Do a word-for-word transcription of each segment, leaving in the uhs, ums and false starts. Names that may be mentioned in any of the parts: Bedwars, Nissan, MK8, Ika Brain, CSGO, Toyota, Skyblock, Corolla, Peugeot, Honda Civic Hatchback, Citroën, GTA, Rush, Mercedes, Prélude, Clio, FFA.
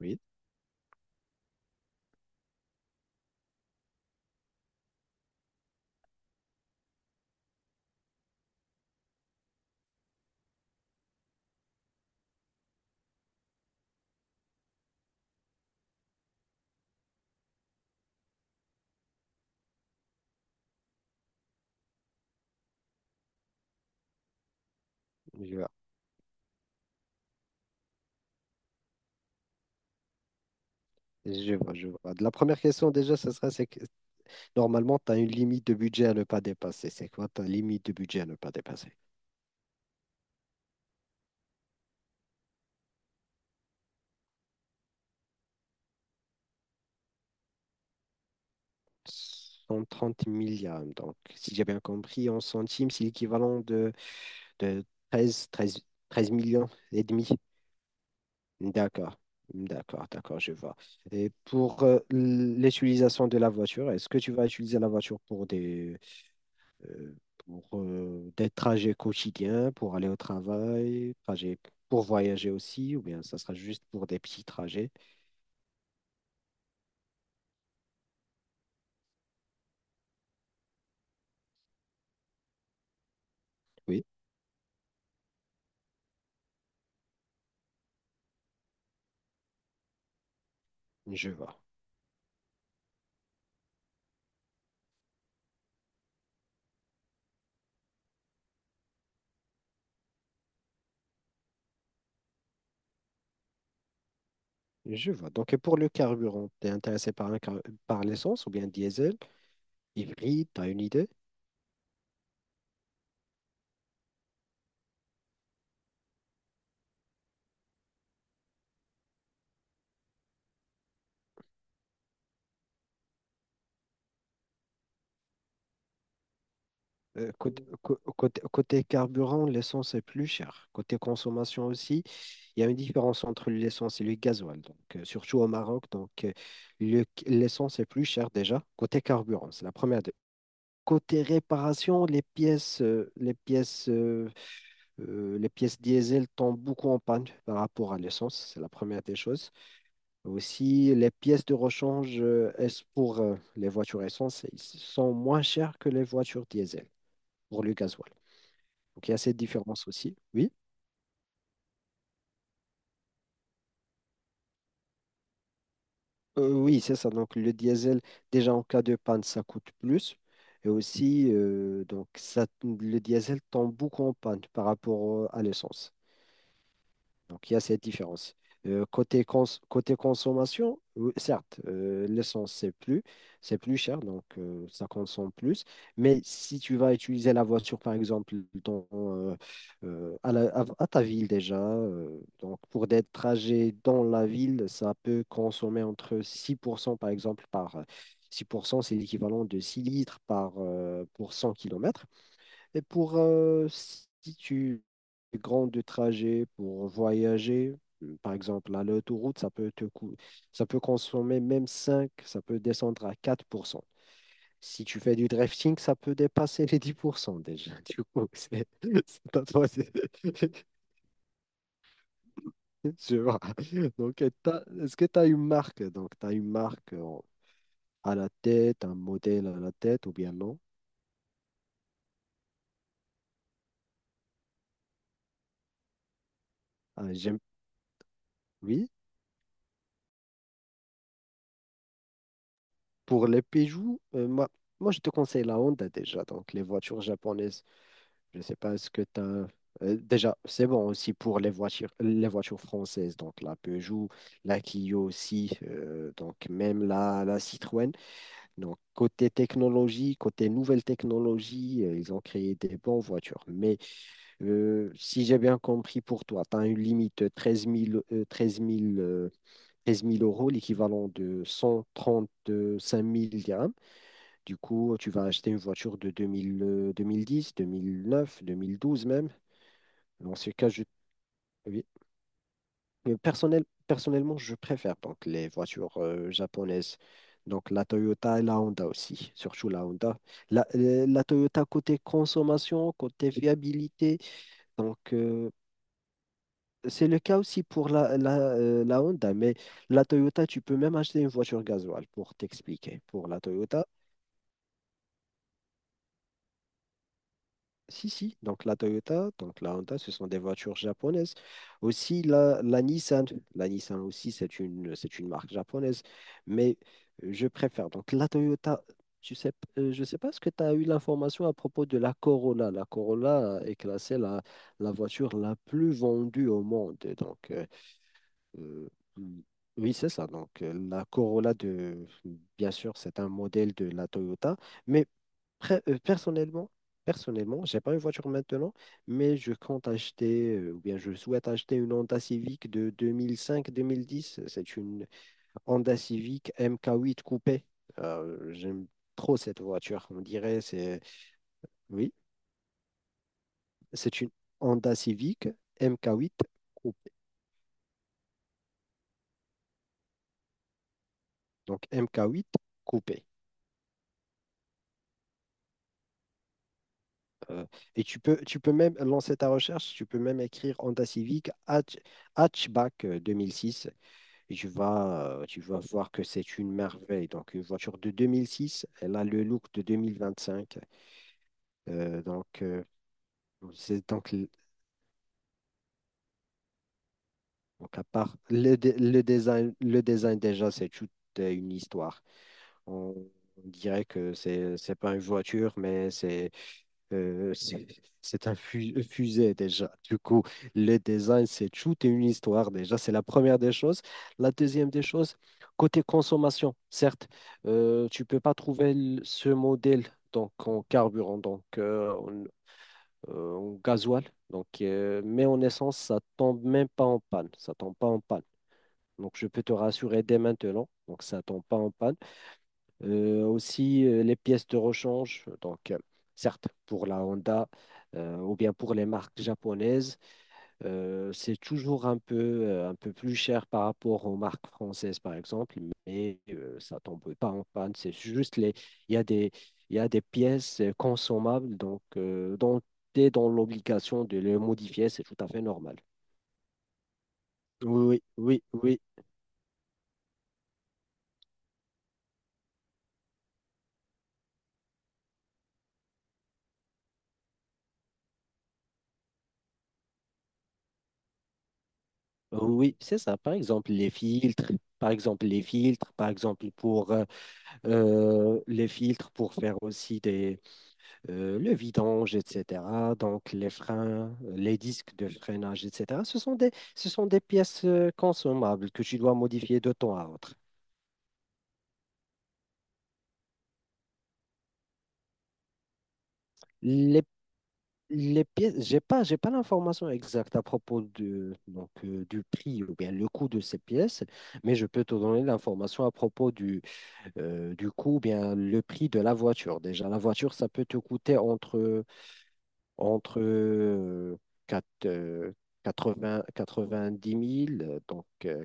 Oui, je vois. Je vois, je vois. La première question déjà, ce serait, c'est que normalement, tu as une limite de budget à ne pas dépasser. C'est quoi ta limite de budget à ne pas dépasser? cent trente milliards. Donc, si j'ai bien compris, en centimes, c'est l'équivalent de, de treize, treize, treize millions et demi. D'accord, d'accord, d'accord, je vois. Et pour euh, l'utilisation de la voiture, est-ce que tu vas utiliser la voiture pour des, euh, pour euh, des trajets quotidiens, pour aller au travail, trajets pour voyager aussi, ou bien ça sera juste pour des petits trajets. Oui, je vois. Je vois. Donc, et pour le carburant, tu es intéressé par, un car- par l'essence ou bien diesel, hybride, tu as une idée? Euh, côté, cô- côté- côté carburant, l'essence est plus chère. Côté consommation aussi, il y a une différence entre l'essence et le gasoil, donc, euh, surtout au Maroc. Donc, euh, le- l'essence est plus chère déjà. Côté carburant, c'est la première. Côté réparation, les pièces, euh, les pièces, euh, euh, les pièces diesel tombent beaucoup en panne par rapport à l'essence. C'est la première des choses. Aussi, les pièces de rechange, euh, elles- pour euh, les voitures essence, elles sont moins chères que les voitures diesel pour le gasoil. Donc, il y a cette différence aussi. Oui. Euh, oui, c'est ça. Donc, le diesel, déjà en cas de panne, ça coûte plus. Et aussi, euh, donc, ça, le diesel tombe beaucoup en panne par rapport euh, à l'essence. Donc, il y a cette différence. Euh, côté, cons- côté consommation, oui, certes, euh, l'essence, c'est plus, c'est plus cher, donc euh, ça consomme plus. Mais si tu vas utiliser la voiture, par exemple, dans, euh, euh, à, la- à- à ta ville déjà, euh, donc pour des trajets dans la ville, ça peut consommer entre six pour cent par exemple. Par six pour cent c'est l'équivalent de six litres par, euh, pour cent kilomètres. Et pour euh, si tu fais grand de trajet pour voyager, euh, par exemple, à l'autoroute, ça peut te cou- ça peut consommer même cinq, ça peut descendre à quatre pour cent. Si tu fais du drifting, ça peut dépasser les dix pour cent déjà. Du coup, c'est c'est à toi. c'est- Je vois. Donc, euh, t'as- est-ce que tu as une marque? Donc, tu as une marque euh, à la tête, un modèle à la tête ou bien non? Ah, j'aime. Oui. Pour les Peugeot, euh, moi, moi, je te conseille la Honda déjà, donc les voitures japonaises. Je ne sais pas ce que tu as. Déjà, c'est bon aussi pour les voitures, les voitures françaises, donc la Peugeot, la Clio aussi, euh, donc même la, la Citroën. Donc côté technologie, côté nouvelle technologie, euh, ils ont créé des bonnes voitures. Mais euh, si j'ai bien compris pour toi, tu as une limite de treize mille, euh, treize mille, euh, treize mille euros, l'équivalent de cent trente-cinq mille dirhams. Du coup, tu vas acheter une voiture de deux mille, euh, vingt dix, deux mille neuf, deux mille douze même. Dans ce cas, je, oui. Mais Personnel, personnellement, je préfère donc les voitures euh, japonaises. Donc la Toyota et la Honda aussi, surtout la Honda. La, euh, la Toyota côté consommation, côté fiabilité. Donc euh, c'est le cas aussi pour la, la, euh, la Honda. Mais la Toyota, tu peux même acheter une voiture gasoil pour t'expliquer. Pour la Toyota, si, si. Donc la Toyota, donc la Honda, ce sont des voitures japonaises. Aussi la, la Nissan. La Nissan aussi, c'est une, c'est une marque japonaise. Mais euh, je préfère. Donc la Toyota, tu sais, p- euh, je ne sais pas ce que tu as eu l'information à propos de la Corolla. La Corolla est classée la, la voiture la plus vendue au monde. Donc euh, euh, oui, c'est ça. Donc euh, la Corolla de, bien sûr, c'est un modèle de la Toyota. Mais Pre- euh, Personnellement, personnellement, j'ai pas une voiture maintenant, mais je compte acheter, euh, ou bien je souhaite acheter une Honda Civic de deux mille cinq-deux mille dix. C'est une Honda Civic M K huit coupé. Euh, j'aime trop cette voiture. On dirait, c'est, oui, c'est une Honda Civic M K huit coupé. Donc M K huit coupé. Euh, et tu peux, tu peux même lancer ta recherche, tu peux même écrire Honda Civic hatch- Hatchback euh, deux mille six. Et tu vas, euh, tu vas voir que c'est une merveille. Donc, une voiture de deux mille six, elle a le look de deux mille vingt-cinq. Euh, donc, euh, c'est donc, l- donc, à part le, dé- le design, le design déjà, c'est toute euh, une histoire. On, on dirait que c'est, c'est pas une voiture, mais c'est... Euh, c'est c'est un fu- euh, fusée déjà. Du coup, le design, c'est tout et une histoire déjà. C'est la première des choses. La deuxième des choses, côté consommation, certes, euh, tu peux pas trouver l- ce modèle donc en carburant, donc euh, en, euh, en gasoil, donc euh, mais en essence, ça tombe même pas en panne. Ça tombe pas en panne. Donc je peux te rassurer dès maintenant. Donc ça tombe pas en panne. Euh, aussi, euh, les pièces de rechange, donc euh, certes pour la Honda euh, ou bien pour les marques japonaises, euh, c'est toujours un peu, euh, un peu plus cher par rapport aux marques françaises, par exemple, mais euh, ça tombe pas en panne. C'est juste les, il y a des, il y a des pièces euh, consommables, donc euh, dont tu es dans l'obligation de les modifier, c'est tout à fait normal. Oui, oui, oui, oui, c'est ça. Par exemple, les filtres, par exemple, les filtres, par exemple, pour euh, les filtres pour faire aussi des, euh, le vidange, et cetera. Donc les freins, euh, les disques de freinage, et cetera. Ce sont des, ce sont des pièces euh, consommables que tu dois modifier de temps à autre. Les, les pièces, j'ai pas, j'ai pas l'information exacte à propos de, donc, euh, du prix ou bien le coût de ces pièces, mais je peux te donner l'information à propos du, euh, du coût, bien le prix de la voiture. Déjà, la voiture, ça peut te coûter entre entre euh, quatre- euh, quatre quatre-vingt-dix mille, euh, donc euh,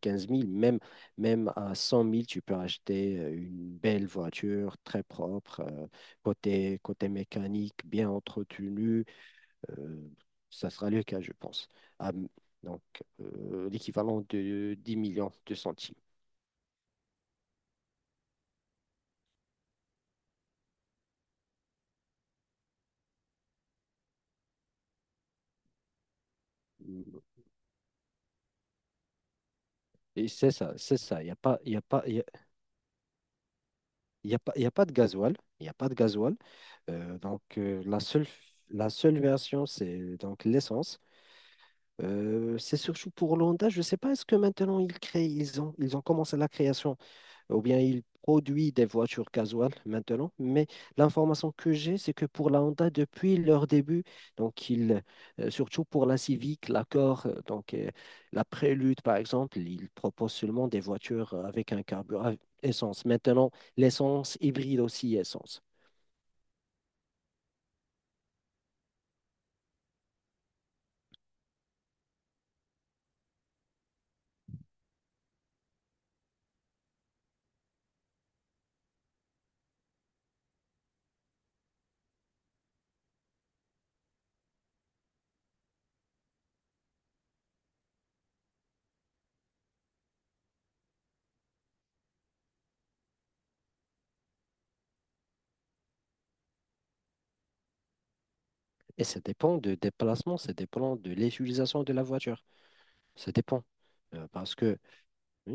quinze mille même, même à cent mille tu peux acheter euh, une belle voiture très propre, euh, côté, côté mécanique, bien entretenue. euh, ça sera le cas, je pense. Ah, m- donc, euh, l'équivalent de dix millions de centimes. Et c'est ça, c'est ça. Il n'y a pas, il y a pas, il il n'y a pas, il y a pas de gasoil. Il y a pas de gasoil. Euh, donc, euh, la seule, la seule version, c'est donc l'essence. Euh, c'est surtout pour l'Honda. Je ne sais pas, est-ce que maintenant ils créent, ils ont, ils ont commencé la création ou bien il produit des voitures casuales maintenant. Mais l'information que j'ai, c'est que pour la Honda, depuis leur début, donc ils euh, surtout pour la Civic, l'Accord, euh, donc euh, la Prélude par exemple, ils proposent seulement des voitures avec un carburant euh, essence. Maintenant, l'essence hybride aussi essence. Et ça dépend de déplacement, ça dépend de l'utilisation de la voiture. Ça dépend. Euh, parce que hmm,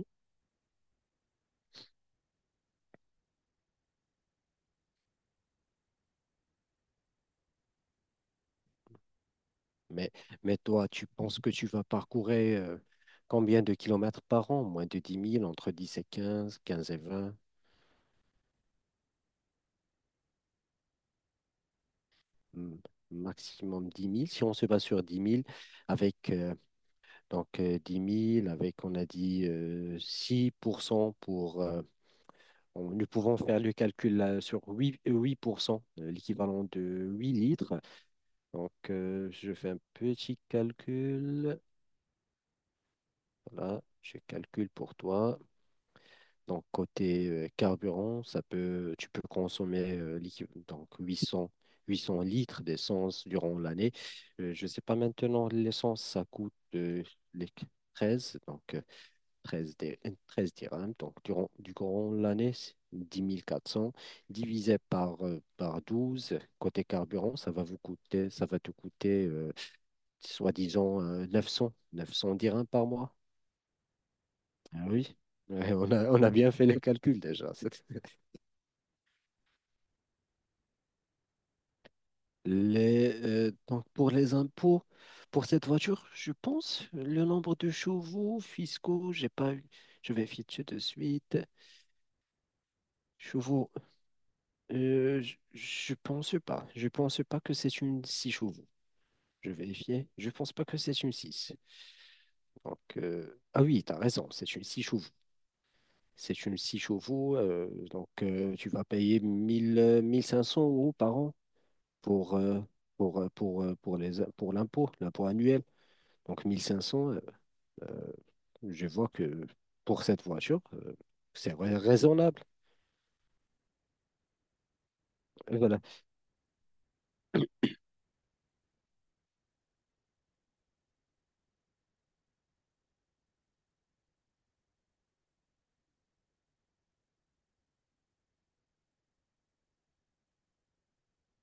Mais, mais toi, tu penses que tu vas parcourir euh, combien de kilomètres par an? Moins de dix mille, entre dix et quinze, quinze et vingt. Hmm, maximum dix mille. Si on se base sur dix mille avec euh, donc, euh, dix mille, avec, on a dit, euh, six pour cent pour... cent pour. euh, on- nous pouvons faire le calcul là, sur huit euh, huit pour cent, euh, l'équivalent de huit litres. Donc, euh, je fais un petit calcul. Voilà, je calcule pour toi. Donc, côté euh, carburant, ça peut, tu peux consommer euh, l'équiv- donc huit 800 litres d'essence durant l'année. Euh, je ne sais pas maintenant, l'essence, ça coûte euh, les treize donc euh, treize, dé- treize dirhams. Donc, durant, durant l'année, c'est dix mille quatre cents divisé par, euh, par douze. Côté carburant, ça va vous coûter, ça va te coûter, euh, soi-disant, euh, neuf 900 dirhams par mois. Ah, ah oui. Oui, ouais, on a, on a bien fait les calculs déjà. Les, euh, donc pour les impôts, pour cette voiture, je pense, le nombre de chevaux fiscaux, j'ai pas eu. Je vais vérifier de suite. Chevaux, euh, je, je pense pas. Je pense pas que c'est une six chevaux. Je vais vérifier. Je pense pas que c'est une six. Donc, euh, ah oui, tu as raison, c'est une six chevaux. C'est une six chevaux. euh, donc, euh, tu vas payer mille euh, mille cinq cents euros par an pour, euh, pour, euh, pour, euh, pour les, pour l'impôt, l'impôt annuel. Donc mille cinq cents. euh, euh, je vois que pour cette voiture, euh, c'est ra- raisonnable. Et voilà.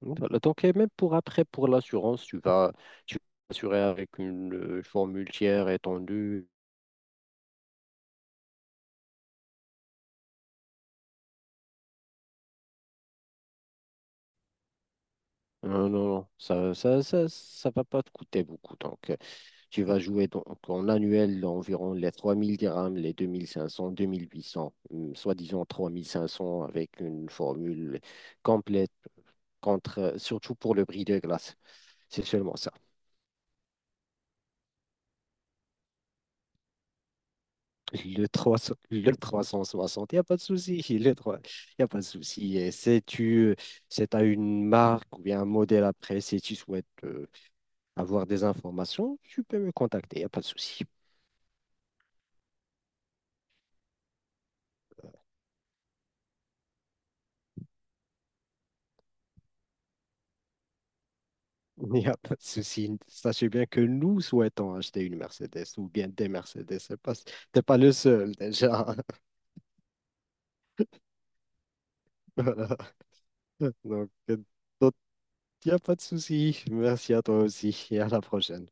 Voilà. Donc, et même pour après, pour l'assurance, tu vas, tu vas assurer avec une euh, formule tiers étendue. Non, non, non, ça, ça, ça, ça va pas te coûter beaucoup. Donc, euh, tu vas jouer donc en annuel environ les trois mille dirhams, les deux mille cinq cents, deux mille huit cents, hum, soi-disant trois mille cinq cents avec une formule complète contre, euh, surtout pour le bris de glace. C'est seulement ça. Le trois cents le trois cent soixante, il n'y a pas de souci. Le trois, il a pas de souci. Et si tu c'est à une marque ou bien un modèle après, si tu souhaites euh, avoir des informations, tu peux me contacter. Il n'y a pas de souci. Il n'y a pas de souci. Sachez bien que nous souhaitons acheter une Mercedes ou bien des Mercedes. C'est pas, t'es pas le seul déjà. Voilà. Donc, euh, donc, il n'y a pas de souci. Merci à toi aussi et à la prochaine.